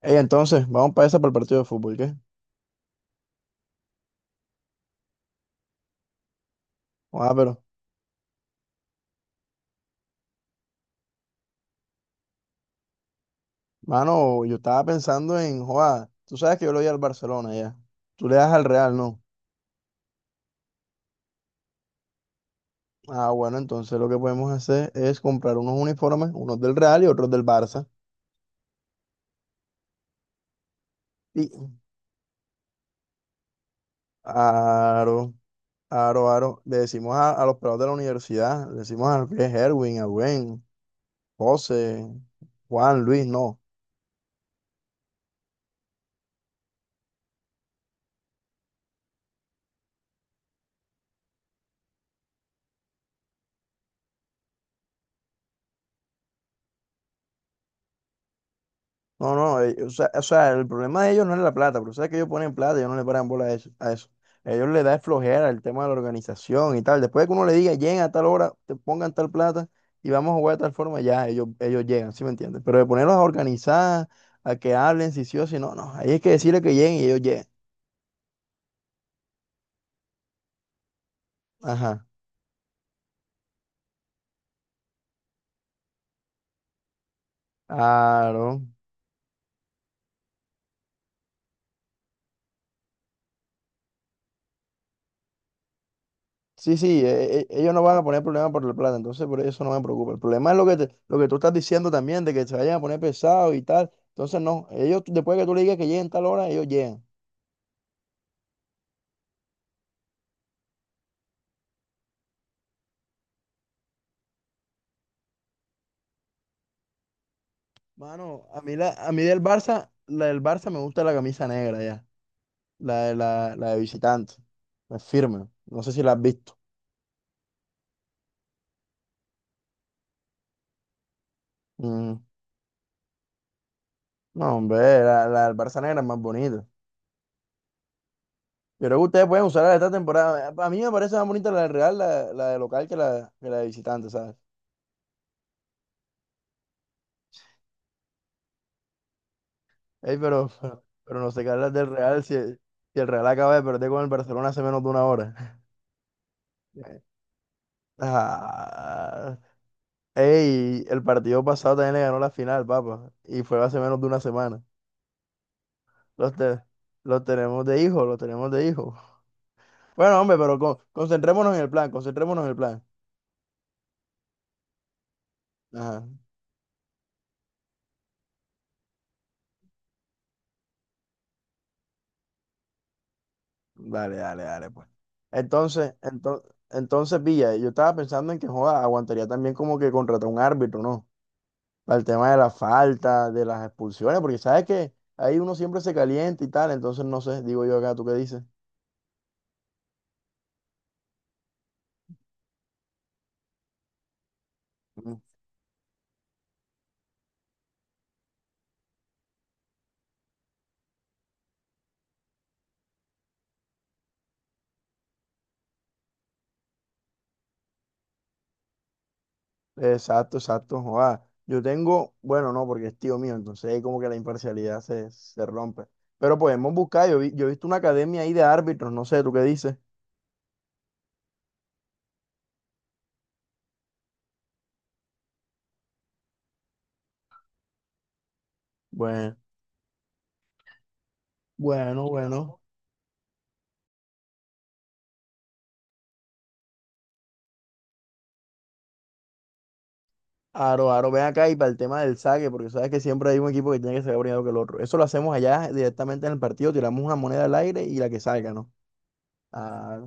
Ey, entonces, vamos para esa para el partido de fútbol, ¿qué? Ah, pero, mano, yo estaba pensando en, joa, tú sabes que yo le voy al Barcelona ya. Tú le das al Real, ¿no? Ah, bueno, entonces lo que podemos hacer es comprar unos uniformes, unos del Real y otros del Barça. Y, aro, aro, aro, le decimos a, los pelados de la universidad, le decimos a Herwin, a Gwen, José, Juan, Luis, no. No, no, o sea, el problema de ellos no es la plata, pero sabes que ellos ponen plata ellos no le paran bola a eso, a eso. A ellos les da es flojera el tema de la organización y tal. Después de que uno le diga, lleguen a tal hora, te pongan tal plata y vamos a jugar de tal forma, ya ellos llegan, ¿sí me entiendes? Pero de ponerlos a organizar, a que hablen, si sí o si no, no. Ahí es que decirle que lleguen y ellos llegan. Ajá. Claro. Sí, sí, ellos no van a poner problema por la plata, entonces por eso no me preocupa. El problema es lo que tú estás diciendo también, de que se vayan a poner pesados y tal. Entonces, no, ellos, después que tú le digas que lleguen tal hora, ellos llegan. Mano, a mí del Barça, la del Barça me gusta la camisa negra ya, la de visitante, es firme, no sé si la has visto. Mm. No, hombre, la del Barça negra es más bonita. Yo creo que ustedes pueden usar la de esta temporada. A mí me parece más bonita la del Real, la de local, que la de visitante, ¿sabes? Ey, pero no se las del Real si, si el Real acaba de perder con el Barcelona hace menos de una hora. Ah, ey, el partido pasado también le ganó la final, papá, y fue hace menos de una semana. Los, te- los tenemos de hijo, los tenemos de hijo. Bueno, hombre, concentrémonos en el plan, concentrémonos en el plan. Ajá, dale, dale, dale, pues. Entonces, Villa, yo estaba pensando en que, joda, aguantaría también como que contratar un árbitro, ¿no? Para el tema de la falta, de las expulsiones, porque sabes que ahí uno siempre se calienta y tal, entonces no sé, digo yo acá, ¿tú qué dices? Mm. Exacto, exacto, joda. Yo tengo, bueno, no, porque es tío mío, entonces ahí como que la imparcialidad se, se rompe. Pero podemos buscar, yo he visto una academia ahí de árbitros, no sé, ¿tú qué dices? Bueno, bueno, bueno. Aro, Aro, ven acá y para el tema del saque, porque sabes que siempre hay un equipo que tiene que sacar primero que el otro. Eso lo hacemos allá directamente en el partido, tiramos una moneda al aire y la que salga, ¿no? Ah.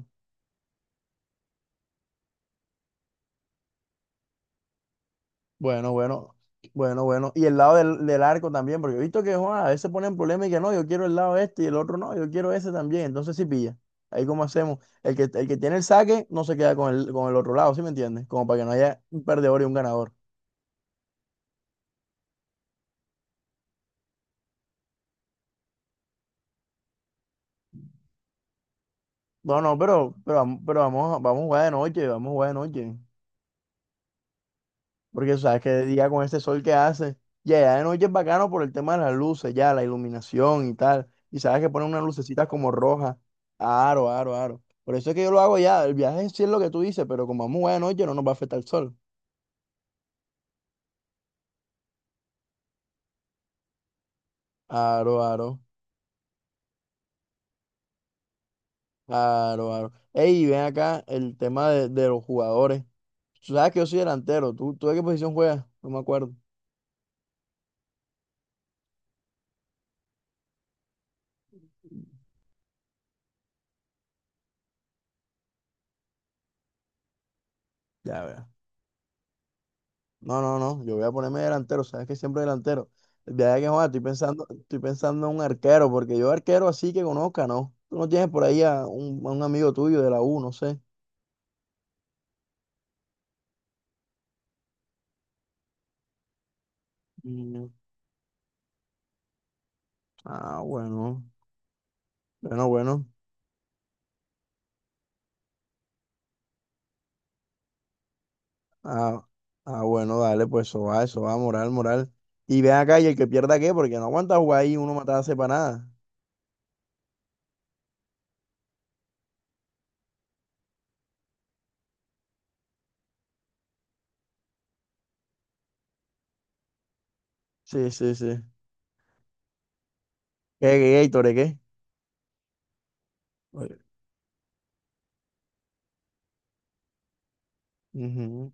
Bueno, bueno, bueno, bueno. Y el lado del arco también, porque he visto que Juan, a veces ponen problemas y que no, yo quiero el lado este y el otro no, yo quiero ese también. Entonces sí pilla. Ahí cómo hacemos. El que tiene el saque no se queda con con el otro lado, ¿sí me entiendes? Como para que no haya un perdedor y un ganador. No, no, pero vamos a jugar de noche, vamos a jugar de noche. Porque sabes que de día con este sol que hace, ya, ya de noche es bacano por el tema de las luces, ya, la iluminación y tal. Y sabes que ponen unas lucecitas como rojas. Aro, aro, aro. Por eso es que yo lo hago ya. El viaje sí es lo que tú dices, pero como vamos a de noche no nos va a afectar el sol. Aro, aro, aro, aro. Ey, ven acá el tema de los jugadores. Tú sabes que yo soy delantero. Tú de qué posición juegas? No me acuerdo. Ya, vea. No, no, no, yo voy a ponerme delantero, sabes que siempre delantero. De ahí que joder, estoy pensando en un arquero, porque yo arquero así que conozca, ¿no? Tú no tienes por ahí a a un amigo tuyo de la U, no sé. Mm. Ah, bueno, bueno, bueno. Ah, ah, bueno, dale, pues eso va, moral, moral. Y ven acá y el que pierda qué, porque no aguanta jugar ahí uno matarse para nada. Sí, sí, sí. ¿Qué, Tore, qué? Oye, ujú.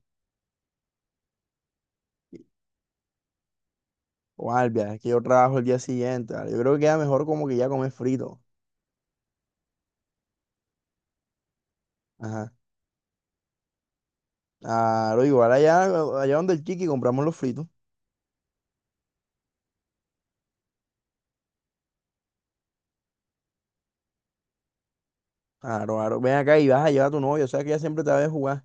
Guardia, es que yo trabajo el día siguiente, ¿vale? Yo creo que queda mejor como que ya comer frito. Ajá. Claro, igual allá, allá donde el Chiqui compramos los fritos. Claro, claro. Ven acá y vas a llevar a tu novia, o sea que ella siempre te va a ver jugar.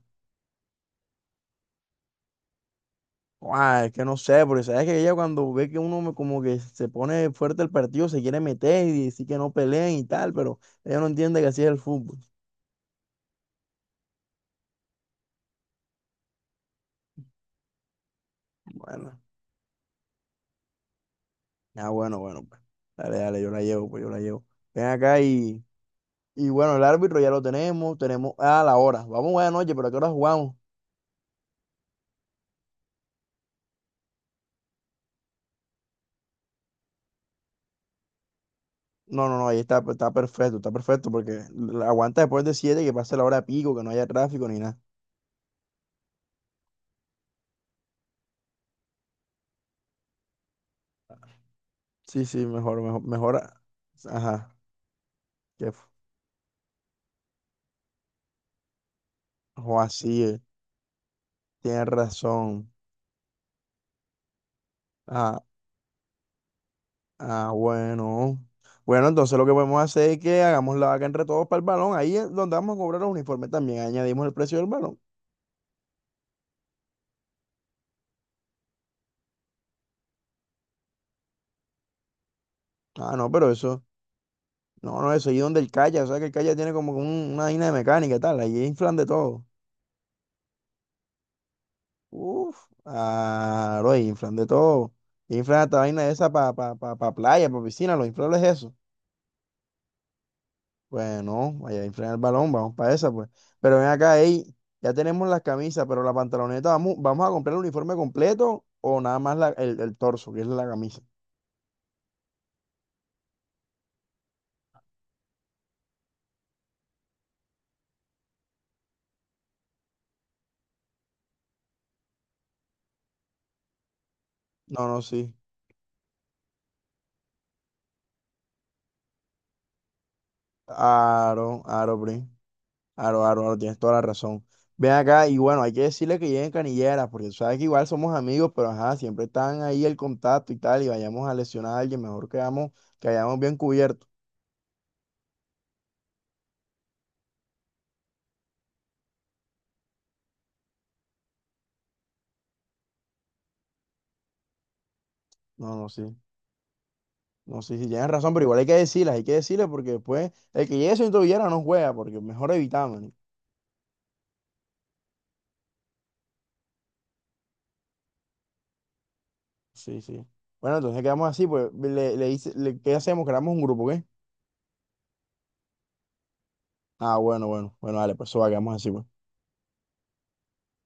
Ah, es que no sé, porque sabes que ella cuando ve que como que se pone fuerte el partido, se quiere meter y decir que no peleen y tal, pero ella no entiende que así es el fútbol. Bueno, ah, bueno, bueno, pues. Dale, dale, yo la llevo, pues yo la llevo. Ven acá y bueno, el árbitro ya lo tenemos, tenemos, ah, la hora. Vamos buena noche, pero ¿a qué hora jugamos? No, no, no, ahí está, está perfecto, porque aguanta después de las 7 que pase la hora pico, que no haya tráfico ni nada. Sí, sí, mejor, mejor, mejor. Ajá, que f- o así, es, tienes razón. Ah, ah, bueno. Bueno, entonces lo que podemos hacer es que hagamos la vaca entre todos para el balón. Ahí es donde vamos a cobrar los uniformes también. Añadimos el precio del balón. Ah, no, pero eso, no, no, eso ahí donde el calla, o sea que el calla tiene como una vaina de mecánica y tal, ahí inflan de todo. Uf, ah, lo inflan de todo. Inflan hasta vaina esa para pa playa, para piscina, lo inflan es eso. Pues no, vaya a inflar el balón, vamos para esa, pues. Pero ven acá, ey, ya tenemos las camisas, pero la pantaloneta, vamos a comprar el uniforme completo o nada más el torso, que es la camisa? No, no, sí. Aro, aro, Pri. Aro, aro, aro, tienes toda la razón. Ven acá y bueno, hay que decirle que lleguen canilleras, porque tú sabes que igual somos amigos, pero ajá, siempre están ahí el contacto y tal, y vayamos a lesionar a alguien, mejor quedamos, que hayamos bien cubierto. No, no, sí, no, sí, sí, tienes razón, pero igual hay que decirlas, hay que decirles, porque después el que llegue sin tobillera no juega, porque mejor evitamos. ¿No? Sí, sí. Bueno, entonces quedamos así, pues, ¿qué hacemos? Creamos un grupo, ¿qué? Ah, bueno, bueno, bueno, dale, pues eso va, quedamos así, pues.